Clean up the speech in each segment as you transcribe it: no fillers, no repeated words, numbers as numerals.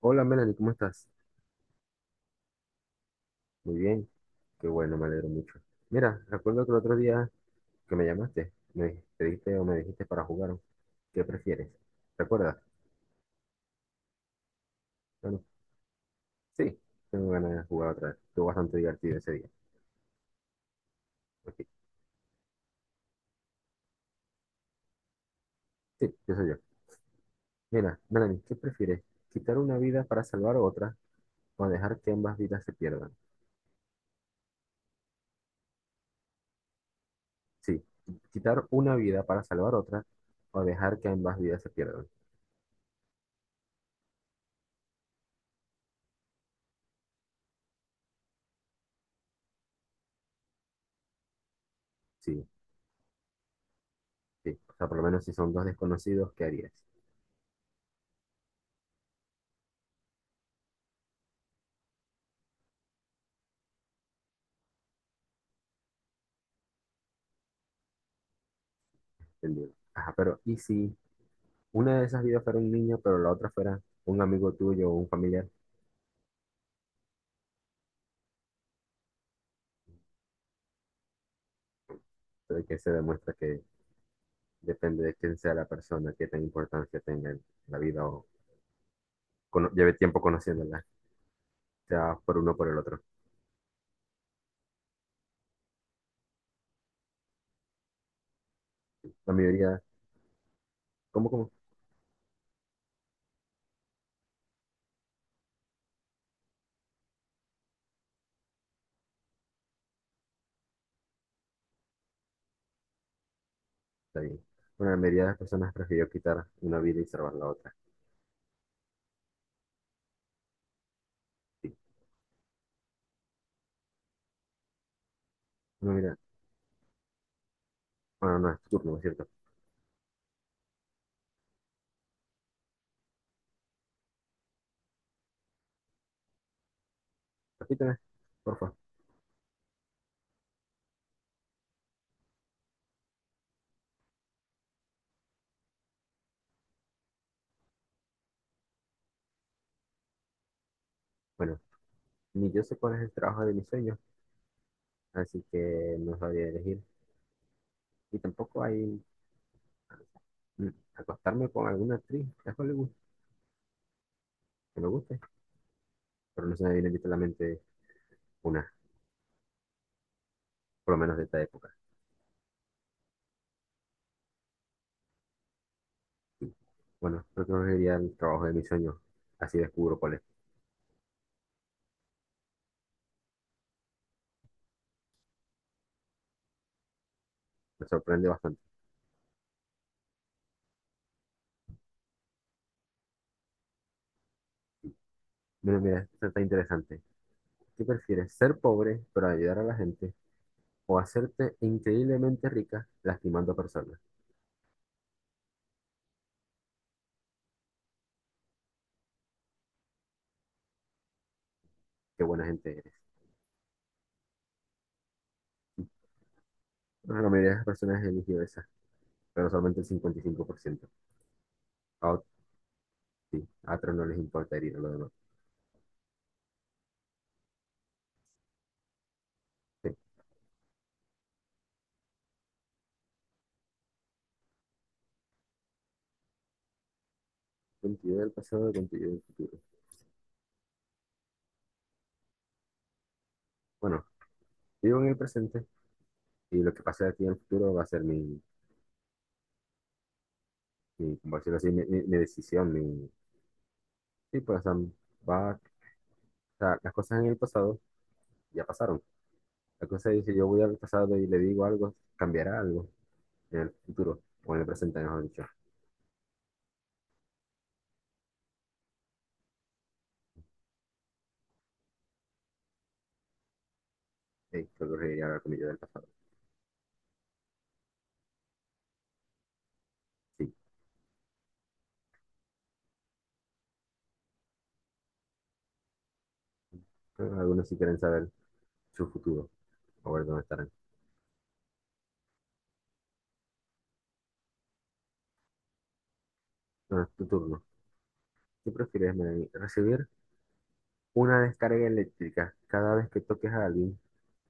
Hola, Melanie, ¿cómo estás? Muy bien, qué bueno, me alegro mucho. Mira, recuerdo que el otro día que me llamaste, pediste o me dijiste para jugar, ¿qué prefieres? ¿Recuerdas? Bueno, sí, tengo ganas de jugar otra vez. Estuvo bastante divertido ese día. Ok. Sí, yo soy yo. Mira, Melanie, ¿qué prefieres? ¿Quitar una vida para salvar otra o dejar que ambas vidas se pierdan? Sí, quitar una vida para salvar otra o dejar que ambas vidas se pierdan. Sí, sí. O sea, por lo menos si son dos desconocidos, ¿qué harías? Entendido. Ajá, pero ¿y si una de esas vidas fuera un niño, pero la otra fuera un amigo tuyo o un familiar, pero que se demuestra que depende de quién sea la persona, qué tan importancia tenga en la vida o lleve tiempo conociéndola, sea por uno o por el otro? La mayoría, ¿cómo, cómo? Está bien. Bueno, la mayoría de las personas prefirió quitar una vida y salvar la otra. Sí. No, mira, bueno, no es tu turno, ¿no es cierto? Repíteme, por favor. Bueno, ni yo sé cuál es el trabajo de mis sueños, así que no sabría elegir. Y tampoco hay mm, acostarme con alguna actriz de Hollywood que me guste, pero no se me viene ahorita a la mente una, por lo menos de esta época. Bueno, creo que no sería el trabajo de mis sueños, así descubro cuál es. Me sorprende bastante. Mira, mira, esto está interesante. ¿Qué prefieres, ser pobre pero ayudar a la gente o hacerte increíblemente rica lastimando personas? Qué buena gente eres. Bueno, la mayoría de las personas eligió esa, pero solamente el 55%. A ot- sí, a otros no les importa herir a los demás. Sí, contenido del pasado, contenido del futuro. Bueno, vivo en el presente y lo que pase de aquí en el futuro va a ser mi, como decirlo así, mi decisión, mi, sí, pues, o sea, va, o sea, las cosas en el pasado ya pasaron. La cosa es, si yo voy al pasado y le digo algo, cambiará algo en el futuro, o en el presente, mejor dicho. Creo que reiría hablar con mi yo del pasado. Sí. Pero algunos sí quieren saber su futuro, o ver dónde estarán. Bueno, tu turno. ¿Qué prefieres, Melanie? ¿Recibir una descarga eléctrica cada vez que toques a alguien,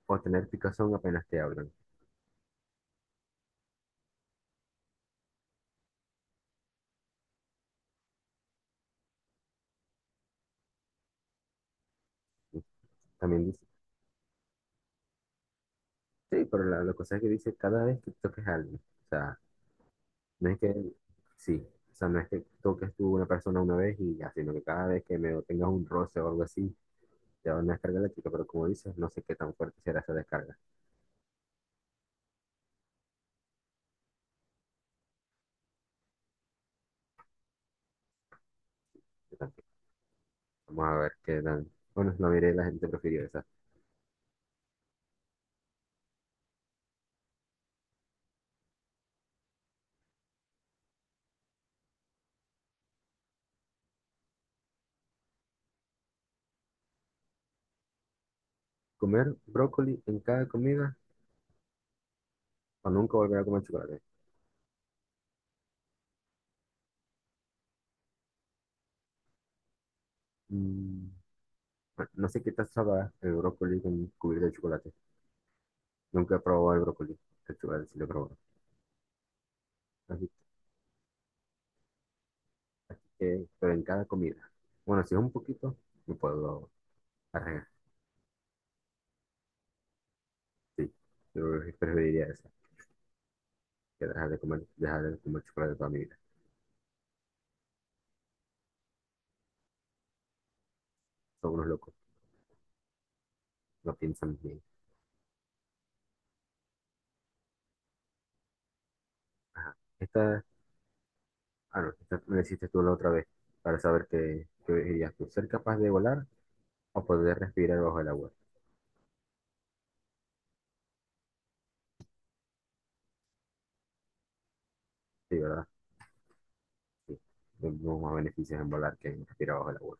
o tener picazón apenas te hablan? También dice, sí, pero la cosa es que dice cada vez que toques a alguien. O sea, no es que, sí, o sea, no es que toques tú una persona una vez y ya, sino que cada vez que me tengas un roce o algo así, te van a descargar la chica, pero como dices, no sé qué tan fuerte será esa descarga. Yo tampoco. Vamos a ver qué tan, bueno, la mayoría de la gente prefirió esa. Comer brócoli en cada comida o nunca volver a comer chocolate. Mm, bueno, no sé qué tal sabrá el brócoli con cubierta de chocolate. Nunca he probado el brócoli, el chocolate sí lo he probado. Así que, pero en cada comida. Bueno, si es un poquito, me puedo arreglar. Sí, yo preferiría eso, que dejar de comer chocolate toda mi vida. Son unos locos, no piensan bien. Esta, ah, no, esta me la hiciste tú la otra vez, para saber qué, qué elegirías tú, ser capaz de volar o poder respirar bajo el agua. Sí, ¿verdad? Sí, tenemos más beneficios en volar que en respirar bajo el agua.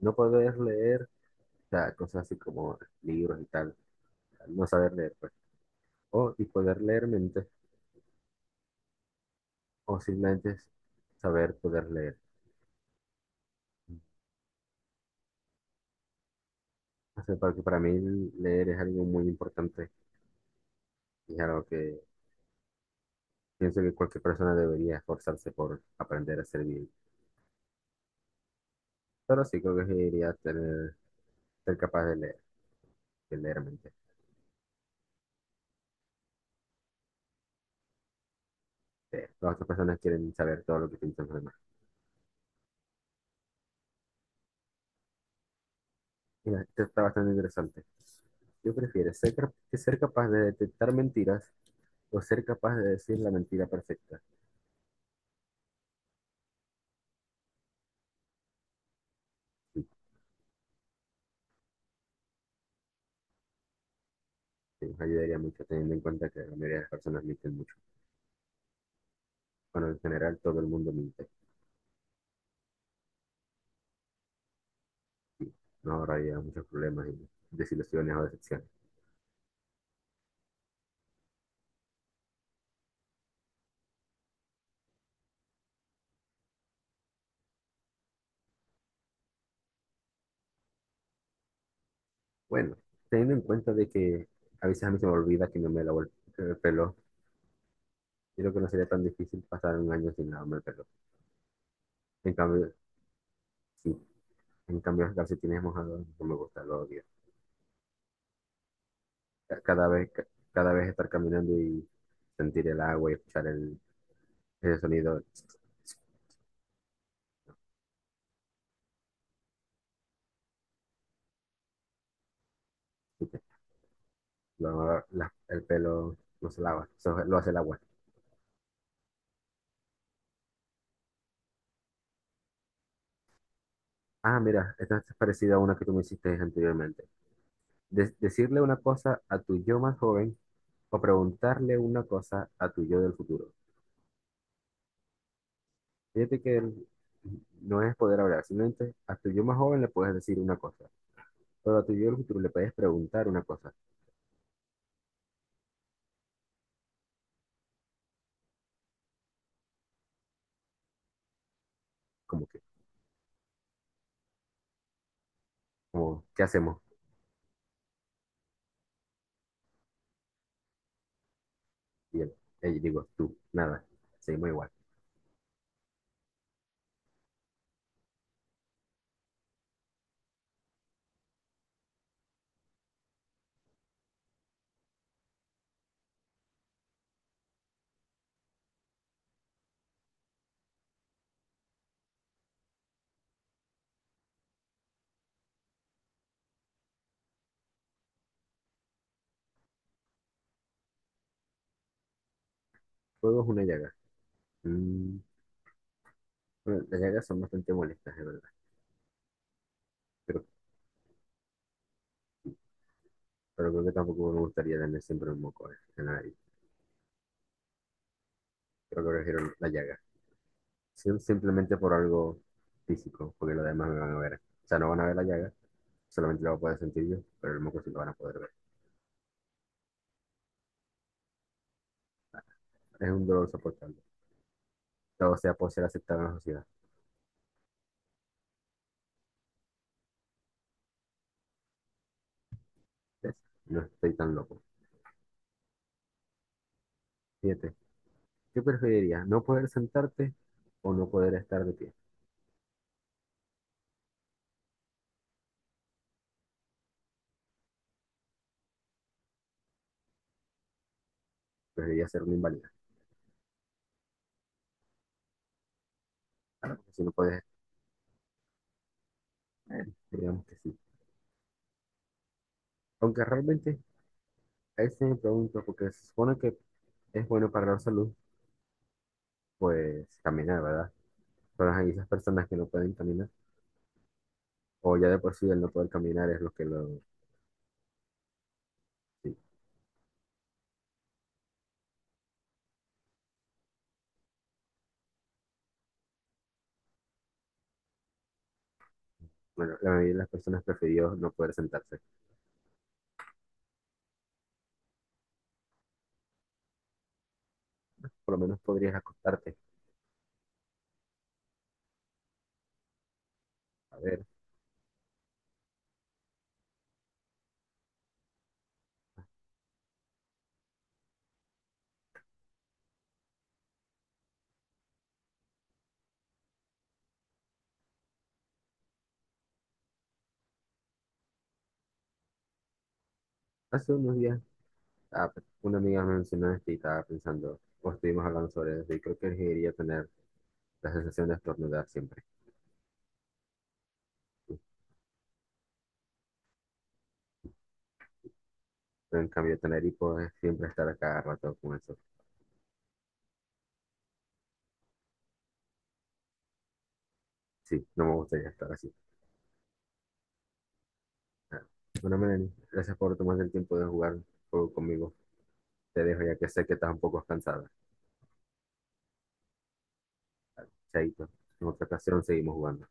No poder leer, o sea, cosas así como libros y tal, no saber leer, pues. O, y poder leer mentes, o simplemente saber poder leer. O sea, porque para mí leer es algo muy importante. Claro que pienso que cualquier persona debería esforzarse por aprender a ser bien, pero sí creo que sí debería tener, ser capaz de leer mente. Las otras personas quieren saber todo lo que piensan los demás. Mira, esto está bastante interesante. Yo prefiero que ser capaz de detectar mentiras o ser capaz de decir la mentira perfecta. Sí, sí, nos ayudaría mucho teniendo en cuenta que la mayoría de las personas mienten mucho. Bueno, en general todo el mundo miente. Nos ahorraría muchos problemas y desilusiones o decepciones. Bueno, teniendo en cuenta de que a veces a mí se me olvida que no me lavo el pelo, yo creo que no sería tan difícil pasar un año sin lavarme el pelo. En cambio, sí, en cambio los calcetines mojados no me gusta, lo odio. Ca- Cada vez, ca- cada vez estar caminando y sentir el agua y ese sonido, el pelo no se lava, eso lo hace el agua. Ah, mira, esta es parecida a una que tú me hiciste anteriormente. Decirle una cosa a tu yo más joven o preguntarle una cosa a tu yo del futuro. Fíjate que el- no es poder hablar, simplemente a tu yo más joven le puedes decir una cosa, pero a tu yo del futuro le puedes preguntar una cosa, como que, como, ¿qué hacemos? Y él, digo, tú, nada, seguimos igual. Fuego es una llaga. Mm, bueno, las llagas son bastante molestas, de verdad, pero, pero creo que tampoco me gustaría tener siempre un moco en la nariz. Creo que prefiero la llaga, simplemente por algo físico, porque los demás me van a ver. O sea, no van a ver la llaga, solamente la voy a poder sentir yo, pero el moco sí lo van a poder ver. Es un dolor soportable. Todo sea por ser aceptado en la sociedad. ¿Ves? No estoy tan loco. Siete. ¿Qué preferirías? ¿No poder sentarte o no poder estar de pie? Preferiría ser un inválido. Porque si no puedes, digamos que sí. Aunque realmente, ahí sí me pregunto, porque se supone que es bueno para la salud, pues caminar, ¿verdad? Pero hay esas personas que no pueden caminar, o ya de por sí el no poder caminar es lo que lo... sí. Bueno, la mayoría de las personas prefirió no poder sentarse. Por lo menos podrías acostarte. A ver, hace unos días, ah, pues, una amiga me mencionó esto y estaba pensando, pues estuvimos hablando sobre eso y creo que elegiría tener la sensación de estornudar siempre. Pero en cambio, tener hipo es siempre estar a cada rato con eso. Sí, no me gustaría estar así. Ah. Bueno, Melanie, gracias por tomarte el tiempo de jugar un juego conmigo. Te dejo ya que sé que estás un poco cansada. Chaito, en otra ocasión seguimos jugando.